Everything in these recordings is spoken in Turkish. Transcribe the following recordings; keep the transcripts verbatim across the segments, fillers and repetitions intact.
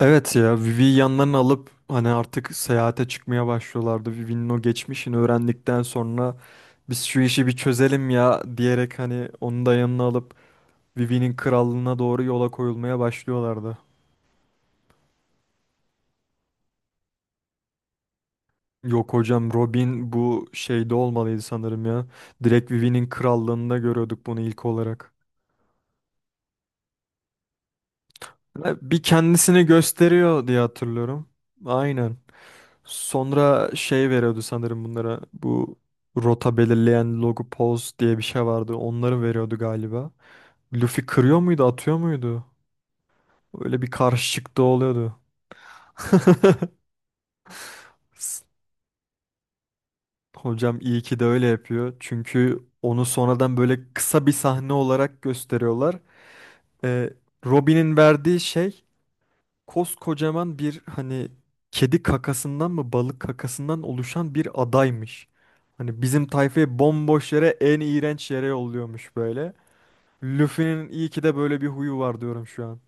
Evet ya Vivi'yi yanlarına alıp hani artık seyahate çıkmaya başlıyorlardı. Vivi'nin o geçmişini öğrendikten sonra biz şu işi bir çözelim ya diyerek hani onu da yanına alıp Vivi'nin krallığına doğru yola koyulmaya başlıyorlardı. Yok hocam Robin bu şeyde olmalıydı sanırım ya. Direkt Vivi'nin krallığında görüyorduk bunu ilk olarak. Ha, bir kendisini gösteriyor diye hatırlıyorum. Aynen. Sonra şey veriyordu sanırım bunlara bu rota belirleyen logo pose diye bir şey vardı. Onları veriyordu galiba. Luffy kırıyor muydu, atıyor muydu? Öyle bir karışıklık da oluyordu. S- Hocam iyi ki de öyle yapıyor. Çünkü onu sonradan böyle kısa bir sahne olarak gösteriyorlar. Ee, Robin'in verdiği şey koskocaman bir hani kedi kakasından mı balık kakasından oluşan bir adaymış. Hani bizim tayfayı bomboş yere en iğrenç yere yolluyormuş böyle. Luffy'nin iyi ki de böyle bir huyu var diyorum şu an.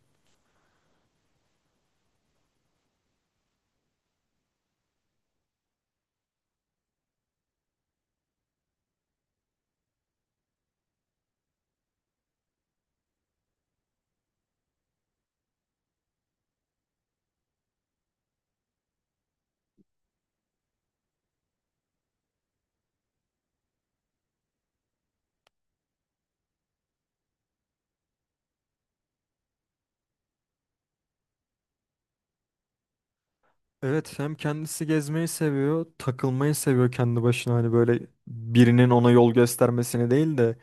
Evet hem kendisi gezmeyi seviyor, takılmayı seviyor kendi başına hani böyle birinin ona yol göstermesini değil de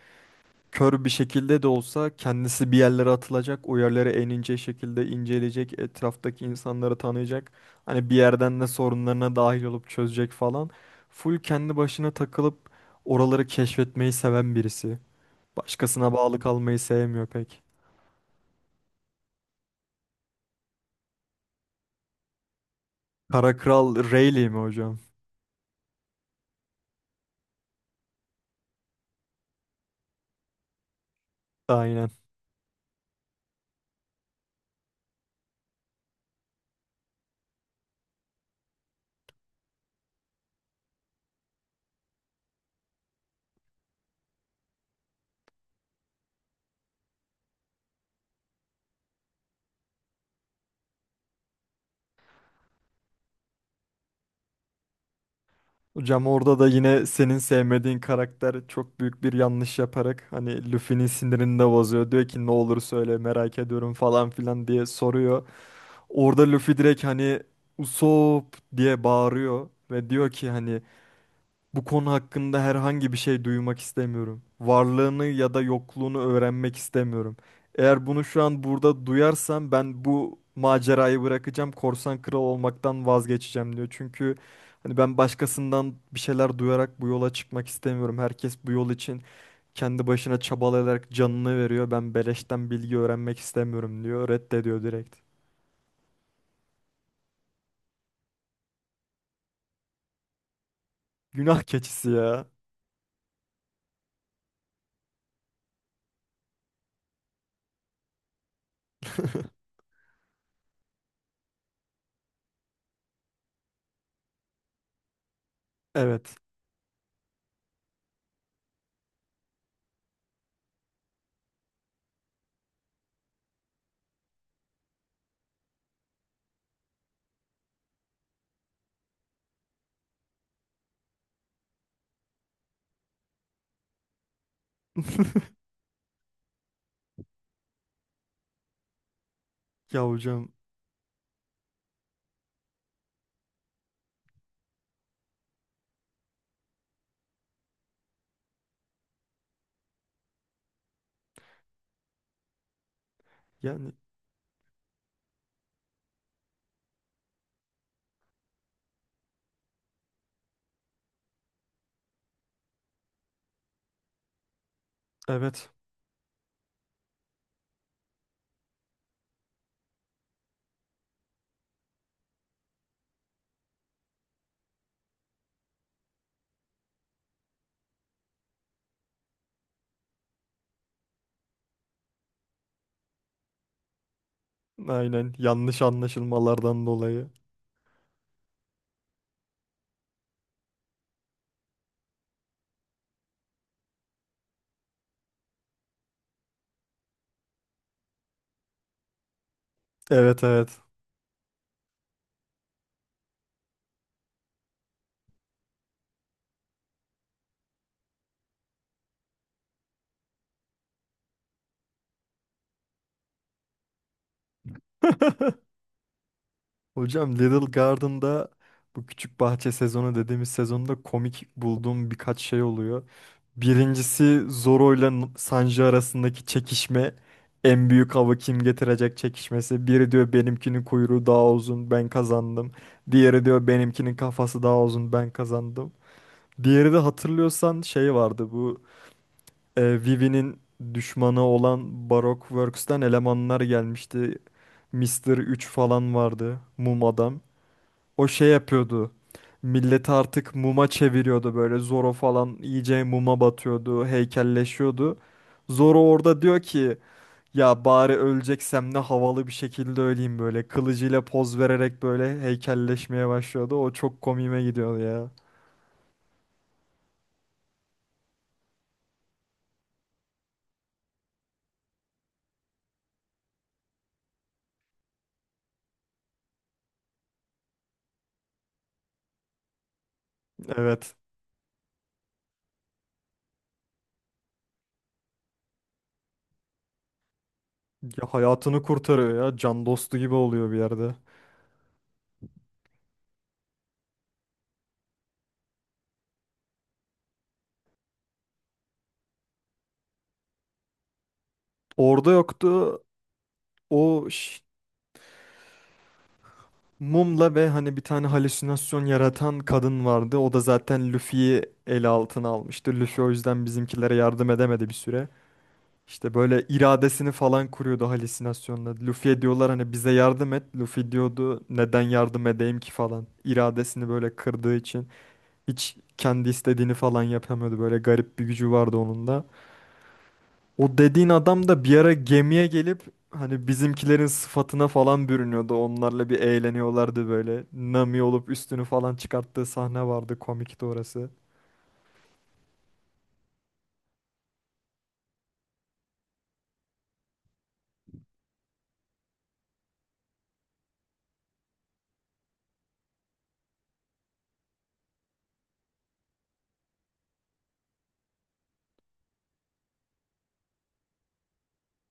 kör bir şekilde de olsa kendisi bir yerlere atılacak, o yerlere en ince şekilde inceleyecek, etraftaki insanları tanıyacak. Hani bir yerden de sorunlarına dahil olup çözecek falan. Full kendi başına takılıp oraları keşfetmeyi seven birisi. Başkasına bağlı kalmayı sevmiyor pek. Kara Kral Rayleigh mi hocam? Aynen. Hocam orada da yine senin sevmediğin karakter çok büyük bir yanlış yaparak hani Luffy'nin sinirini de bozuyor. Diyor ki ne olur söyle merak ediyorum falan filan diye soruyor. Orada Luffy direkt hani Usopp diye bağırıyor ve diyor ki hani bu konu hakkında herhangi bir şey duymak istemiyorum. Varlığını ya da yokluğunu öğrenmek istemiyorum. Eğer bunu şu an burada duyarsam ben bu macerayı bırakacağım. Korsan kral olmaktan vazgeçeceğim diyor. Çünkü hani ben başkasından bir şeyler duyarak bu yola çıkmak istemiyorum. Herkes bu yol için kendi başına çabalayarak canını veriyor. Ben beleşten bilgi öğrenmek istemiyorum diyor. Reddediyor direkt. Günah keçisi ya. Evet. Ya hocam yani evet. Aynen yanlış anlaşılmalardan dolayı. Evet, evet. Hocam Little Garden'da bu küçük bahçe sezonu dediğimiz sezonda komik bulduğum birkaç şey oluyor. Birincisi Zoro ile N- Sanji arasındaki çekişme. En büyük avı kim getirecek çekişmesi. Biri diyor benimkinin kuyruğu daha uzun ben kazandım. Diğeri diyor benimkinin kafası daha uzun ben kazandım. Diğeri de hatırlıyorsan şey vardı bu e, Vivi'nin düşmanı olan Baroque Works'ten elemanlar gelmişti. Mister üç falan vardı. Mum adam. O şey yapıyordu. Milleti artık muma çeviriyordu böyle. Zoro falan iyice muma batıyordu. Heykelleşiyordu. Zoro orada diyor ki ya bari öleceksem ne havalı bir şekilde öleyim böyle. Kılıcıyla poz vererek böyle heykelleşmeye başlıyordu. O çok komiğime gidiyordu ya. Evet. Ya hayatını kurtarıyor ya. Can dostu gibi oluyor bir yerde. Orada yoktu. O ş- Mumla ve hani bir tane halüsinasyon yaratan kadın vardı. O da zaten Luffy'yi ele altına almıştı. Luffy o yüzden bizimkilere yardım edemedi bir süre. İşte böyle iradesini falan kuruyordu halüsinasyonla. Luffy'ye diyorlar hani bize yardım et. Luffy diyordu neden yardım edeyim ki falan. İradesini böyle kırdığı için hiç kendi istediğini falan yapamıyordu. Böyle garip bir gücü vardı onun da. O dediğin adam da bir ara gemiye gelip hani bizimkilerin sıfatına falan bürünüyordu. Onlarla bir eğleniyorlardı böyle. Nami olup üstünü falan çıkarttığı sahne vardı. Komikti orası.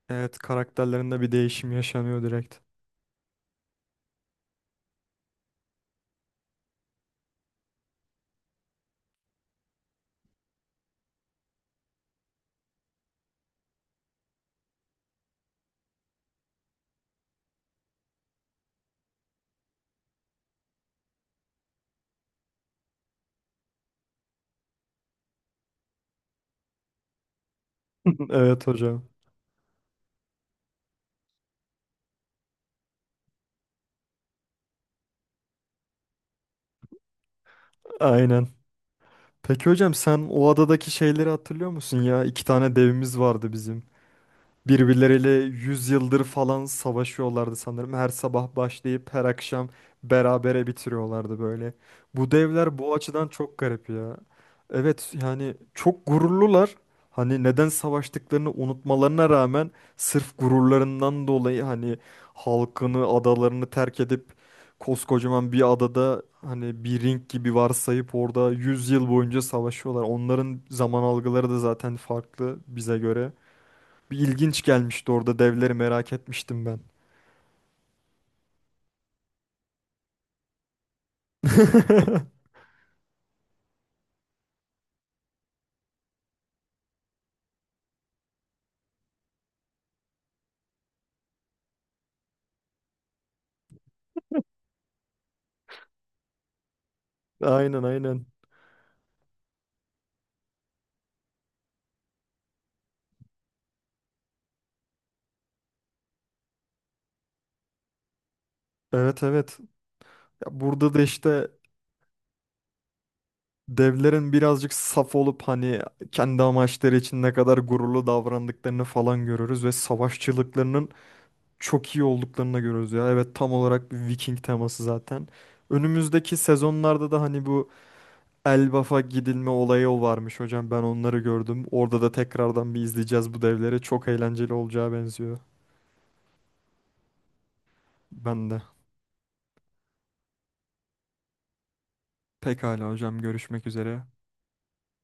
Evet karakterlerinde bir değişim yaşanıyor direkt. Evet hocam. Aynen. Peki hocam sen o adadaki şeyleri hatırlıyor musun ya? İki tane devimiz vardı bizim. Birbirleriyle yüz yıldır falan savaşıyorlardı sanırım. Her sabah başlayıp her akşam berabere bitiriyorlardı böyle. Bu devler bu açıdan çok garip ya. Evet yani çok gururlular. Hani neden savaştıklarını unutmalarına rağmen sırf gururlarından dolayı hani halkını, adalarını terk edip koskocaman bir adada hani bir ring gibi varsayıp orada yüz yıl boyunca savaşıyorlar. Onların zaman algıları da zaten farklı bize göre. Bir ilginç gelmişti orada devleri merak etmiştim ben. Aynen, aynen. Evet, evet. Ya burada da işte devlerin birazcık saf olup hani kendi amaçları için ne kadar gururlu davrandıklarını falan görürüz ve savaşçılıklarının çok iyi olduklarını görürüz ya. Evet tam olarak bir Viking teması zaten. Önümüzdeki sezonlarda da hani bu Elbaf'a gidilme olayı o varmış hocam. Ben onları gördüm. Orada da tekrardan bir izleyeceğiz bu devleri. Çok eğlenceli olacağı benziyor. Ben de. Pekala hocam görüşmek üzere.